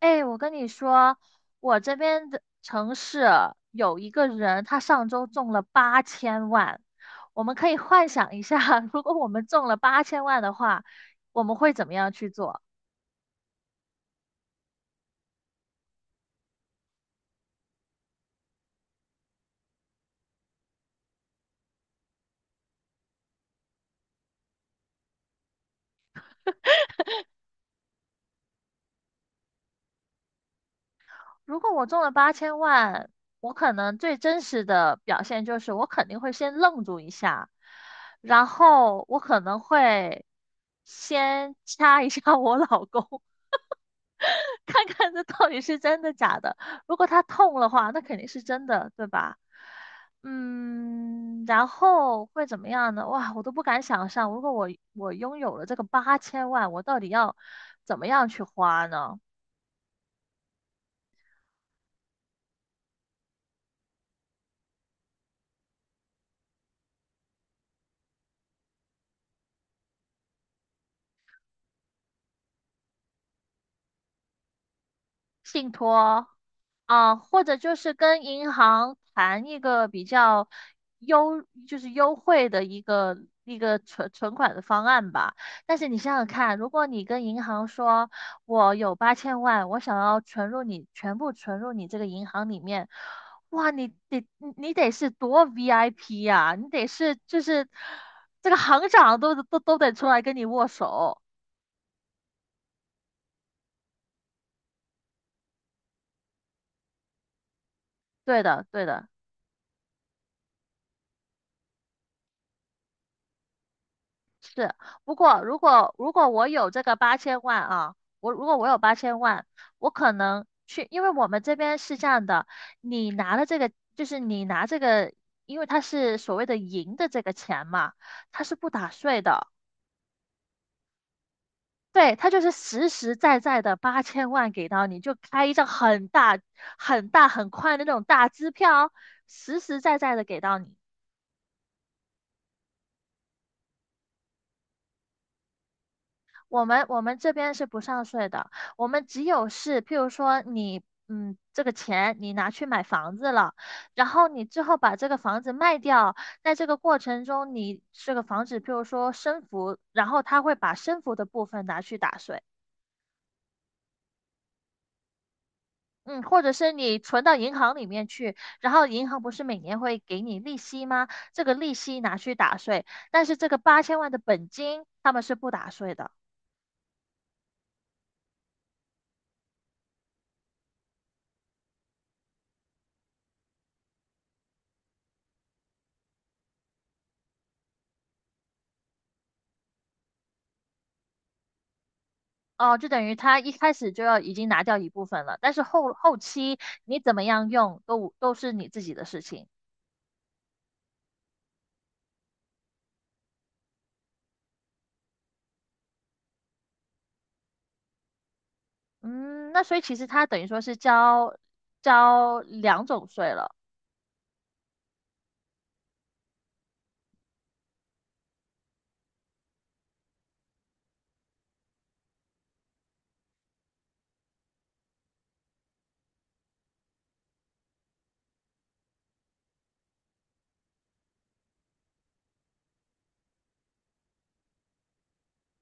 哎，我跟你说，我这边的城市有一个人，他上周中了八千万。我们可以幻想一下，如果我们中了8000万的话，我们会怎么样去做？如果我中了八千万，我可能最真实的表现就是我肯定会先愣住一下，然后我可能会先掐一下 我老公，看看这到底是真的假的。如果他痛的话，那肯定是真的，对吧？然后会怎么样呢？哇，我都不敢想象，如果我拥有了这个八千万，我到底要怎么样去花呢？信托啊，或者就是跟银行谈一个比较优，就是优惠的一个存款的方案吧。但是你想想看，如果你跟银行说，我有八千万，我想要存入你这个银行里面，哇，你得是多 VIP 呀、你得是就是这个行长都得出来跟你握手。对的，对的。是，不过如果我有这个八千万啊，我如果我有八千万，我可能去，因为我们这边是这样的，你拿了这个，就是你拿这个，因为它是所谓的赢的这个钱嘛，它是不打税的，对，它就是实实在在的八千万给到你，就开一张很大、很大、很宽的那种大支票，实实在在的给到你。我们这边是不上税的，我们只有是，譬如说你，嗯，这个钱你拿去买房子了，然后你之后把这个房子卖掉，在这个过程中，你这个房子譬如说升幅，然后他会把升幅的部分拿去打税，嗯，或者是你存到银行里面去，然后银行不是每年会给你利息吗？这个利息拿去打税，但是这个八千万的本金他们是不打税的。哦，就等于他一开始就要已经拿掉一部分了，但是后期你怎么样用都是你自己的事情。嗯，那所以其实他等于说是交两种税了。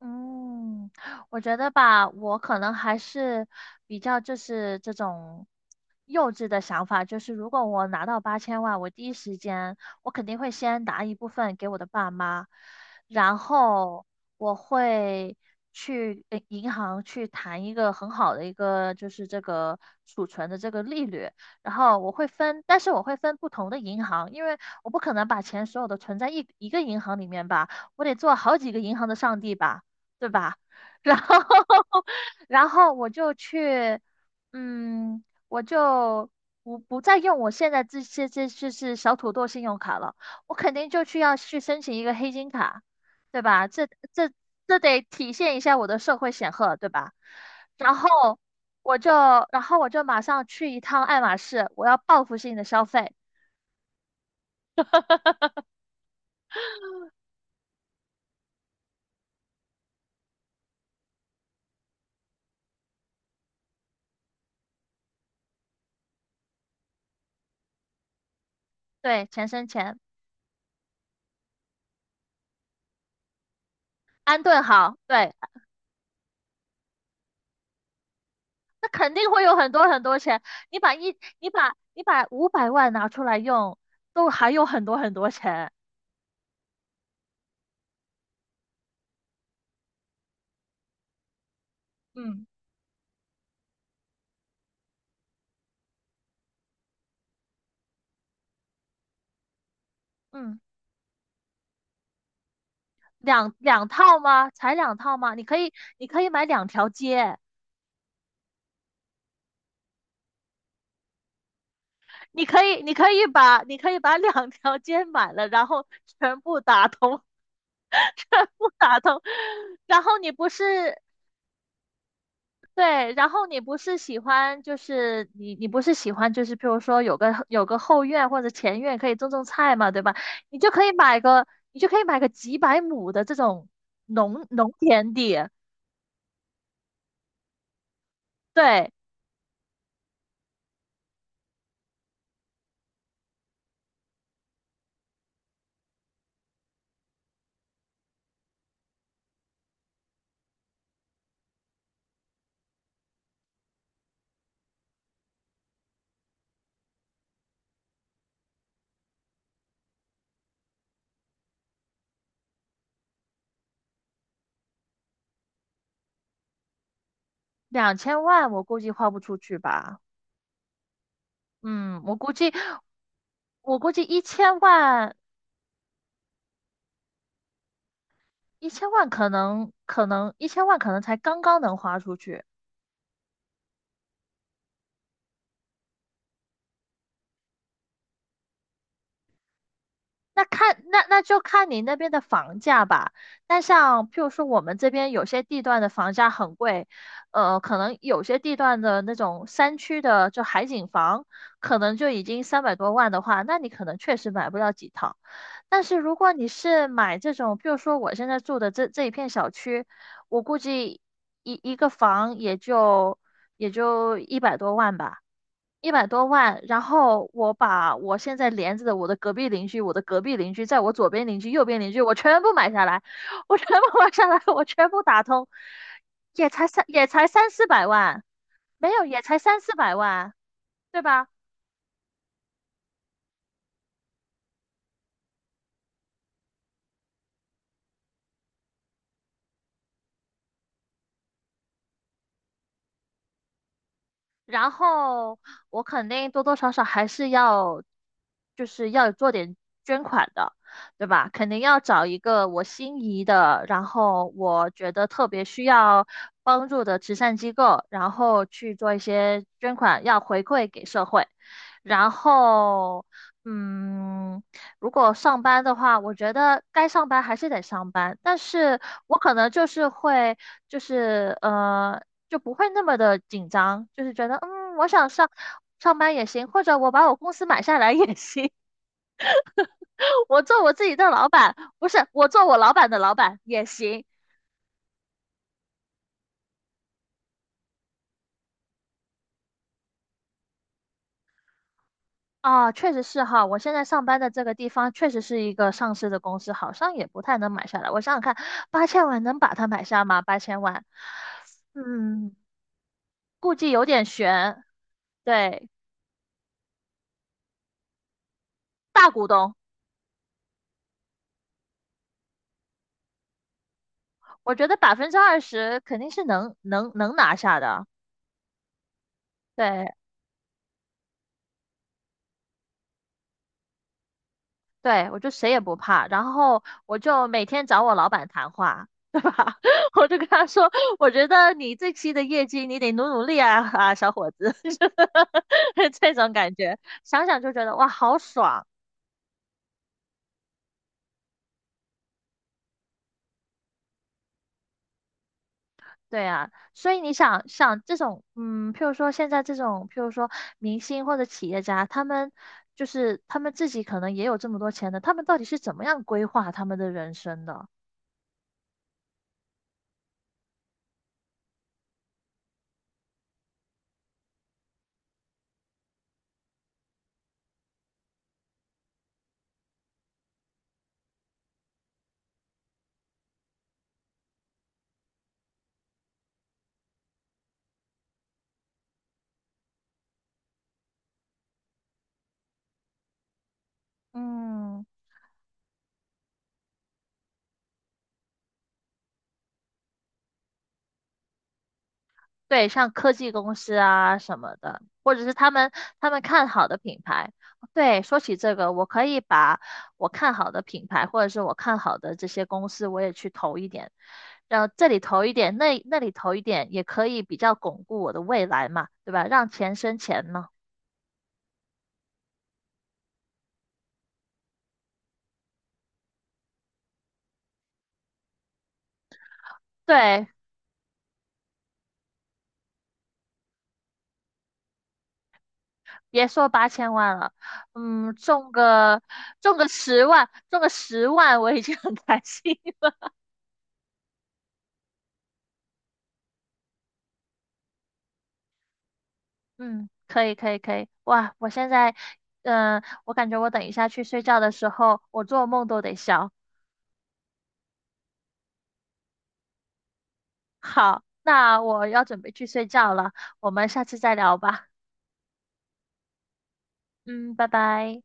嗯，我觉得吧，我可能还是比较就是这种幼稚的想法，就是如果我拿到八千万，我第一时间我肯定会先拿一部分给我的爸妈，然后我会去银行去谈一个很好的一个就是这个储存的这个利率，然后我会分，但是我会分不同的银行，因为我不可能把钱所有的存在一个银行里面吧，我得做好几个银行的上帝吧。对吧？然后，然后我就去，嗯，我就不再用我现在这些这就是小土豆信用卡了，我肯定就去要去申请一个黑金卡，对吧？这得体现一下我的社会显赫，对吧？然后我就，然后我就马上去一趟爱马仕，我要报复性的消费，对，钱生钱，安顿好，对。那肯定会有很多很多钱。你把一，你把你把500万拿出来用，都还有很多很多钱。嗯，嗯，两套吗？才两套吗？你可以买两条街，你可以把两条街买了，然后全部打通，全部打通。然后你不是，对，然后你不是喜欢，就是譬如说有个后院或者前院可以种种菜嘛，对吧？你就可以买个，你就可以买个几百亩的这种农田地，对，2000万我估计花不出去吧，嗯，我估计一千万可能才刚刚能花出去。那就看你那边的房价吧。那像譬如说我们这边有些地段的房价很贵，呃，可能有些地段的那种山区的就海景房，可能就已经300多万的话，那你可能确实买不了几套。但是如果你是买这种，譬如说我现在住的这一片小区，我估计一个房也就一百多万吧。一百多万，然后我把我现在连着的我的隔壁邻居、我的隔壁邻居、在我左边邻居、右边邻居，我全部买下来，我全我全部打通，也才三四百万，没有也才三四百万，对吧？然后我肯定多多少少还是要，就是要做点捐款的，对吧？肯定要找一个我心仪的，然后我觉得特别需要帮助的慈善机构，然后去做一些捐款，要回馈给社会。然后，嗯，如果上班的话，我觉得该上班还是得上班，但是我可能就是会，就是呃，就不会那么的紧张，就是觉得我想上班也行，或者我把我公司买下来也行，我做我自己的老板，不是我做我老板的老板也行啊，确实是哈，我现在上班的这个地方确实是一个上市的公司，好像也不太能买下来。我想想看，八千万能把它买下吗？八千万，嗯，估计有点悬。对，大股东，我觉得20%肯定是能拿下的。对，对，我就谁也不怕，然后我就每天找我老板谈话，对吧？我就跟他说，我觉得你这期的业绩你得努努力啊 啊，小伙子，这种感觉，想想就觉得哇，好爽。对啊，所以你想想这种，嗯，譬如说现在这种，譬如说明星或者企业家，他们就是他们自己可能也有这么多钱的，他们到底是怎么样规划他们的人生的？嗯。对，像科技公司啊什么的，或者是他们看好的品牌。对，说起这个，我可以把我看好的品牌，或者是我看好的这些公司，我也去投一点，然后这里投一点，那里投一点，也可以比较巩固我的未来嘛，对吧？让钱生钱嘛。对，别说八千万了，嗯，中个十万，中个十万，我已经很开心嗯，可以可以可以，哇！我现在，嗯、我感觉我等一下去睡觉的时候，我做梦都得笑。好，那我要准备去睡觉了，我们下次再聊吧。嗯，拜拜。